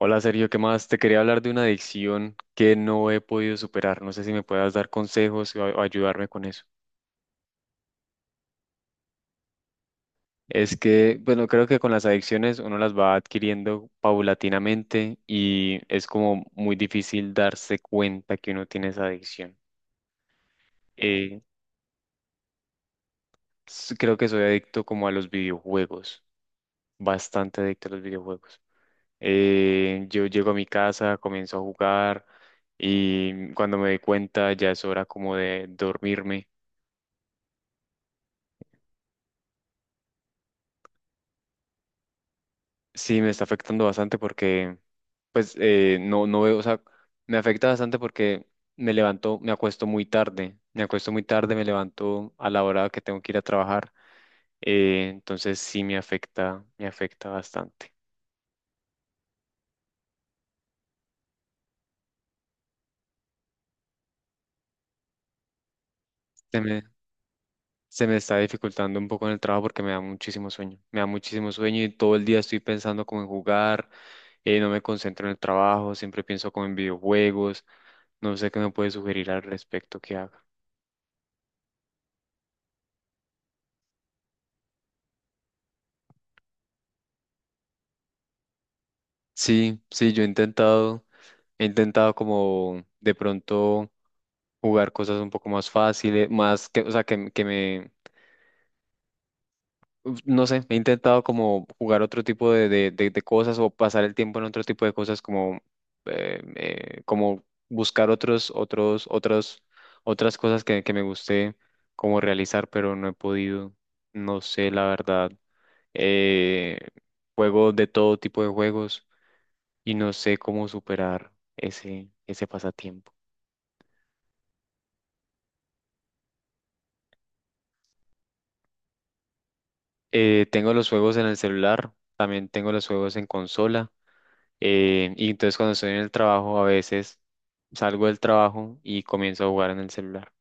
Hola Sergio, ¿qué más? Te quería hablar de una adicción que no he podido superar. No sé si me puedas dar consejos o ayudarme con eso. Es que, bueno, creo que con las adicciones uno las va adquiriendo paulatinamente y es como muy difícil darse cuenta que uno tiene esa adicción. Eh, Creo que soy adicto como a los videojuegos, bastante adicto a los videojuegos. Yo llego a mi casa, comienzo a jugar y cuando me doy cuenta ya es hora como de dormirme. Sí, me está afectando bastante porque, pues, no, no veo, o sea, me afecta bastante porque me levanto, me acuesto muy tarde, me acuesto muy tarde, me levanto a la hora que tengo que ir a trabajar, entonces sí me afecta bastante. Se me, se me está dificultando un poco en el trabajo porque me da muchísimo sueño, me da muchísimo sueño y todo el día estoy pensando como en jugar, no me concentro en el trabajo, siempre pienso como en videojuegos, no sé qué me puede sugerir al respecto que haga. Sí, sí, yo he intentado como de pronto jugar cosas un poco más fáciles, más que, o sea, que me, uf, no sé, he intentado como jugar otro tipo de cosas o pasar el tiempo en otro tipo de cosas como, como buscar otras cosas que me guste como realizar, pero no he podido, no sé, la verdad. Eh, Juego de todo tipo de juegos y no sé cómo superar ese pasatiempo. Tengo los juegos en el celular, también tengo los juegos en consola, y entonces cuando estoy en el trabajo a veces salgo del trabajo y comienzo a jugar en el celular.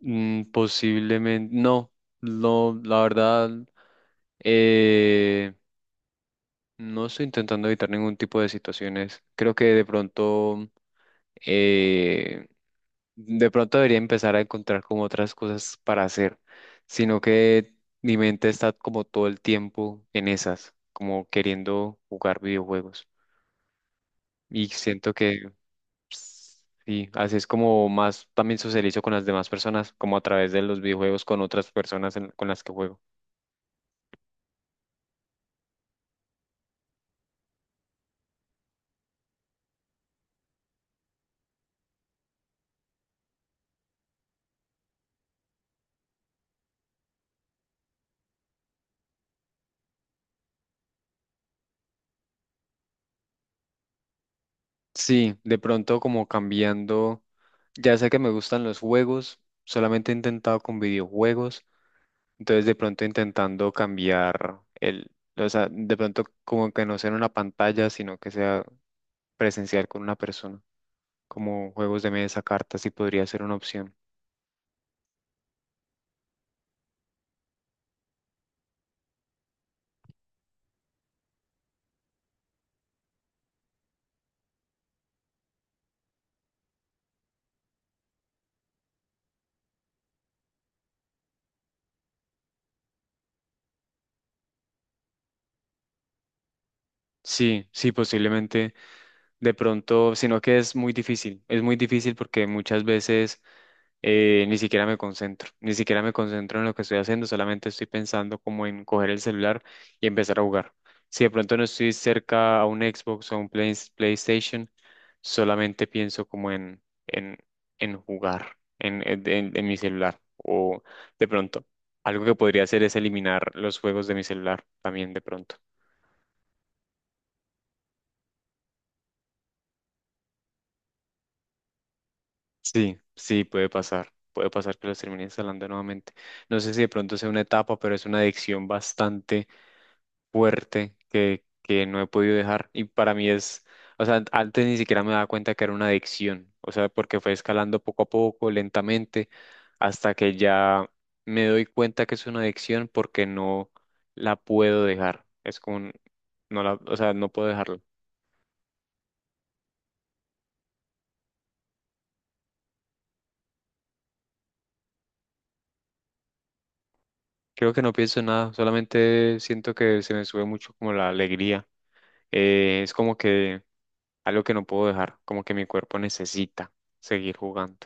Posiblemente, no, no, la verdad, eh, no estoy intentando evitar ningún tipo de situaciones. Creo que eh, De pronto debería empezar a encontrar como otras cosas para hacer, sino que mi mente está como todo el tiempo en esas, como queriendo jugar videojuegos. Y siento que sí, así es como más también socializo con las demás personas, como a través de los videojuegos con otras personas con las que juego. Sí, de pronto como cambiando, ya sé que me gustan los juegos, solamente he intentado con videojuegos. Entonces, de pronto intentando cambiar el, o sea, de pronto como que no sea en una pantalla, sino que sea presencial con una persona, como juegos de mesa, cartas, sí podría ser una opción. Sí, sí, posiblemente de pronto, sino que es muy difícil porque muchas veces ni siquiera me concentro, ni siquiera me concentro en lo que estoy haciendo, solamente estoy pensando como en coger el celular y empezar a jugar. Si de pronto no estoy cerca a un Xbox o a un PlayStation, solamente pienso como en jugar en mi celular. O de pronto, algo que podría hacer es eliminar los juegos de mi celular también de pronto. Sí, sí, puede pasar. Puede pasar que los termine instalando nuevamente. No sé si de pronto sea una etapa, pero es una adicción bastante fuerte que no he podido dejar. Y para mí es, o sea, antes ni siquiera me daba cuenta que era una adicción, o sea, porque fue escalando poco a poco, lentamente, hasta que ya me doy cuenta que es una adicción porque no la puedo dejar. Es como, no la, o sea, no puedo dejarlo. Creo que no pienso en nada, solamente siento que se me sube mucho como la alegría. Es como que algo que no puedo dejar, como que mi cuerpo necesita seguir jugando.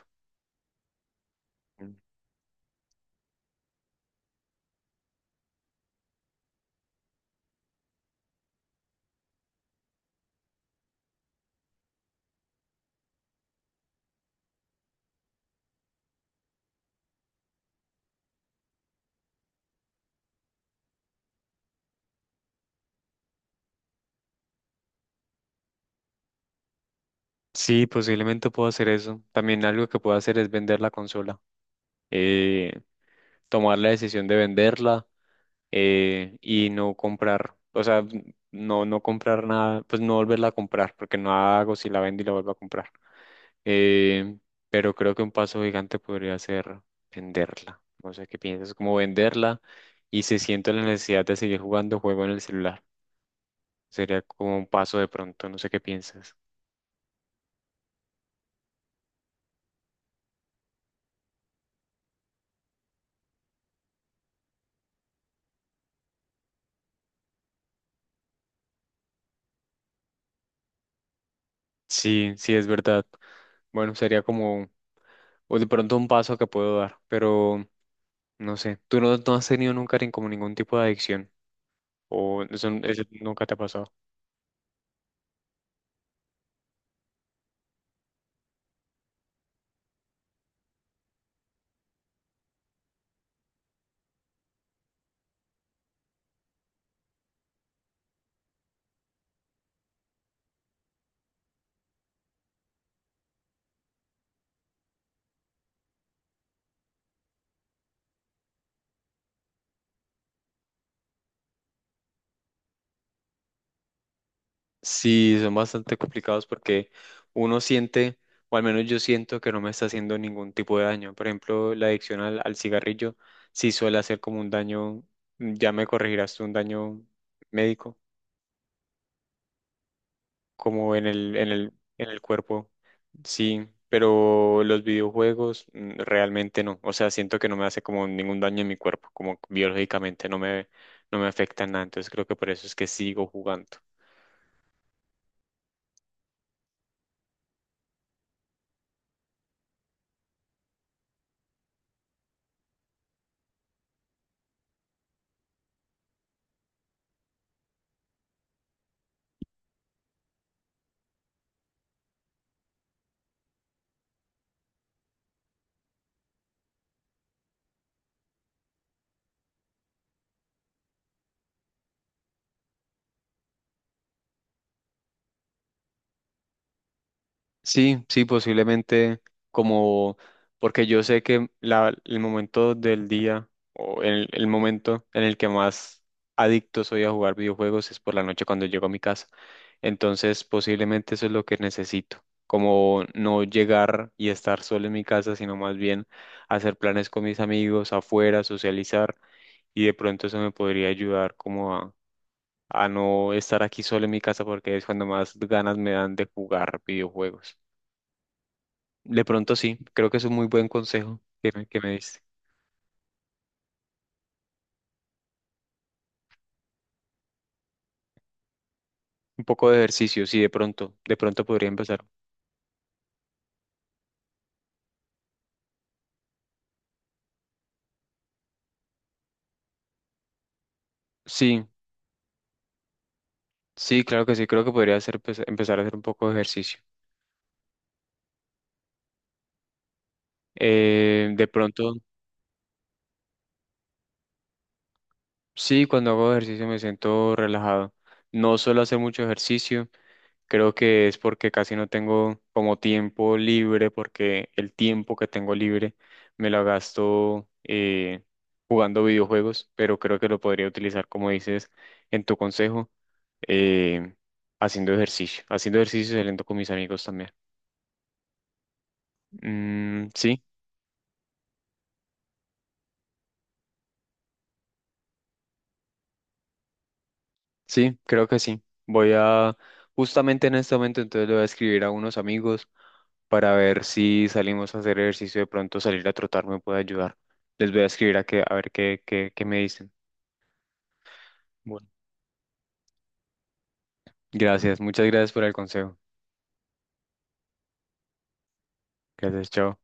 Sí, posiblemente puedo hacer eso. También algo que puedo hacer es vender la consola. Eh, Tomar la decisión de venderla y no comprar. O sea, no, no comprar nada, pues no volverla a comprar, porque no hago si la vendo y la vuelvo a comprar. Eh, pero creo que un paso gigante podría ser venderla. No sé qué piensas, como venderla y si siento la necesidad de seguir jugando juego en el celular. Sería como un paso de pronto, no sé qué piensas. Sí, sí, es verdad. Bueno, sería como o de pronto un paso que puedo dar, pero no sé, tú no has tenido nunca como ningún tipo de adicción o eso nunca te ha pasado. Sí, son bastante complicados porque uno siente, o al menos yo siento que no me está haciendo ningún tipo de daño. Por ejemplo, la adicción al cigarrillo sí suele hacer como un daño, ya me corregirás tú, un daño médico como en el cuerpo, sí, pero los videojuegos realmente no, o sea, siento que no me hace como ningún daño en mi cuerpo, como biológicamente no me afecta en nada, entonces creo que por eso es que sigo jugando. Sí, sí, posiblemente como, porque yo sé que el momento del día o el momento en el que más adicto soy a jugar videojuegos es por la noche cuando llego a mi casa. Entonces, posiblemente eso es lo que necesito, como no llegar y estar solo en mi casa, sino más bien hacer planes con mis amigos afuera, socializar y de pronto eso me podría ayudar como a no estar aquí solo en mi casa porque es cuando más ganas me dan de jugar videojuegos. De pronto sí, creo que es un muy buen consejo que me diste. Un poco de ejercicio, sí, de pronto podría empezar. Sí, sí, claro que sí, creo que podría hacer, pues, empezar a hacer un poco de ejercicio. De pronto, sí, cuando hago ejercicio me siento relajado. No suelo hacer mucho ejercicio. Creo que es porque casi no tengo como tiempo libre, porque el tiempo que tengo libre me lo gasto jugando videojuegos, pero creo que lo podría utilizar, como dices, en tu consejo, eh, haciendo ejercicio y saliendo con mis amigos también. Mm, sí, sí, creo que sí. Voy a, justamente en este momento, entonces le voy a escribir a unos amigos para ver si salimos a hacer ejercicio, de pronto salir a trotar me puede ayudar. Les voy a escribir a, que, a ver qué me dicen. Bueno. Gracias, muchas gracias por el consejo. Gracias, chao.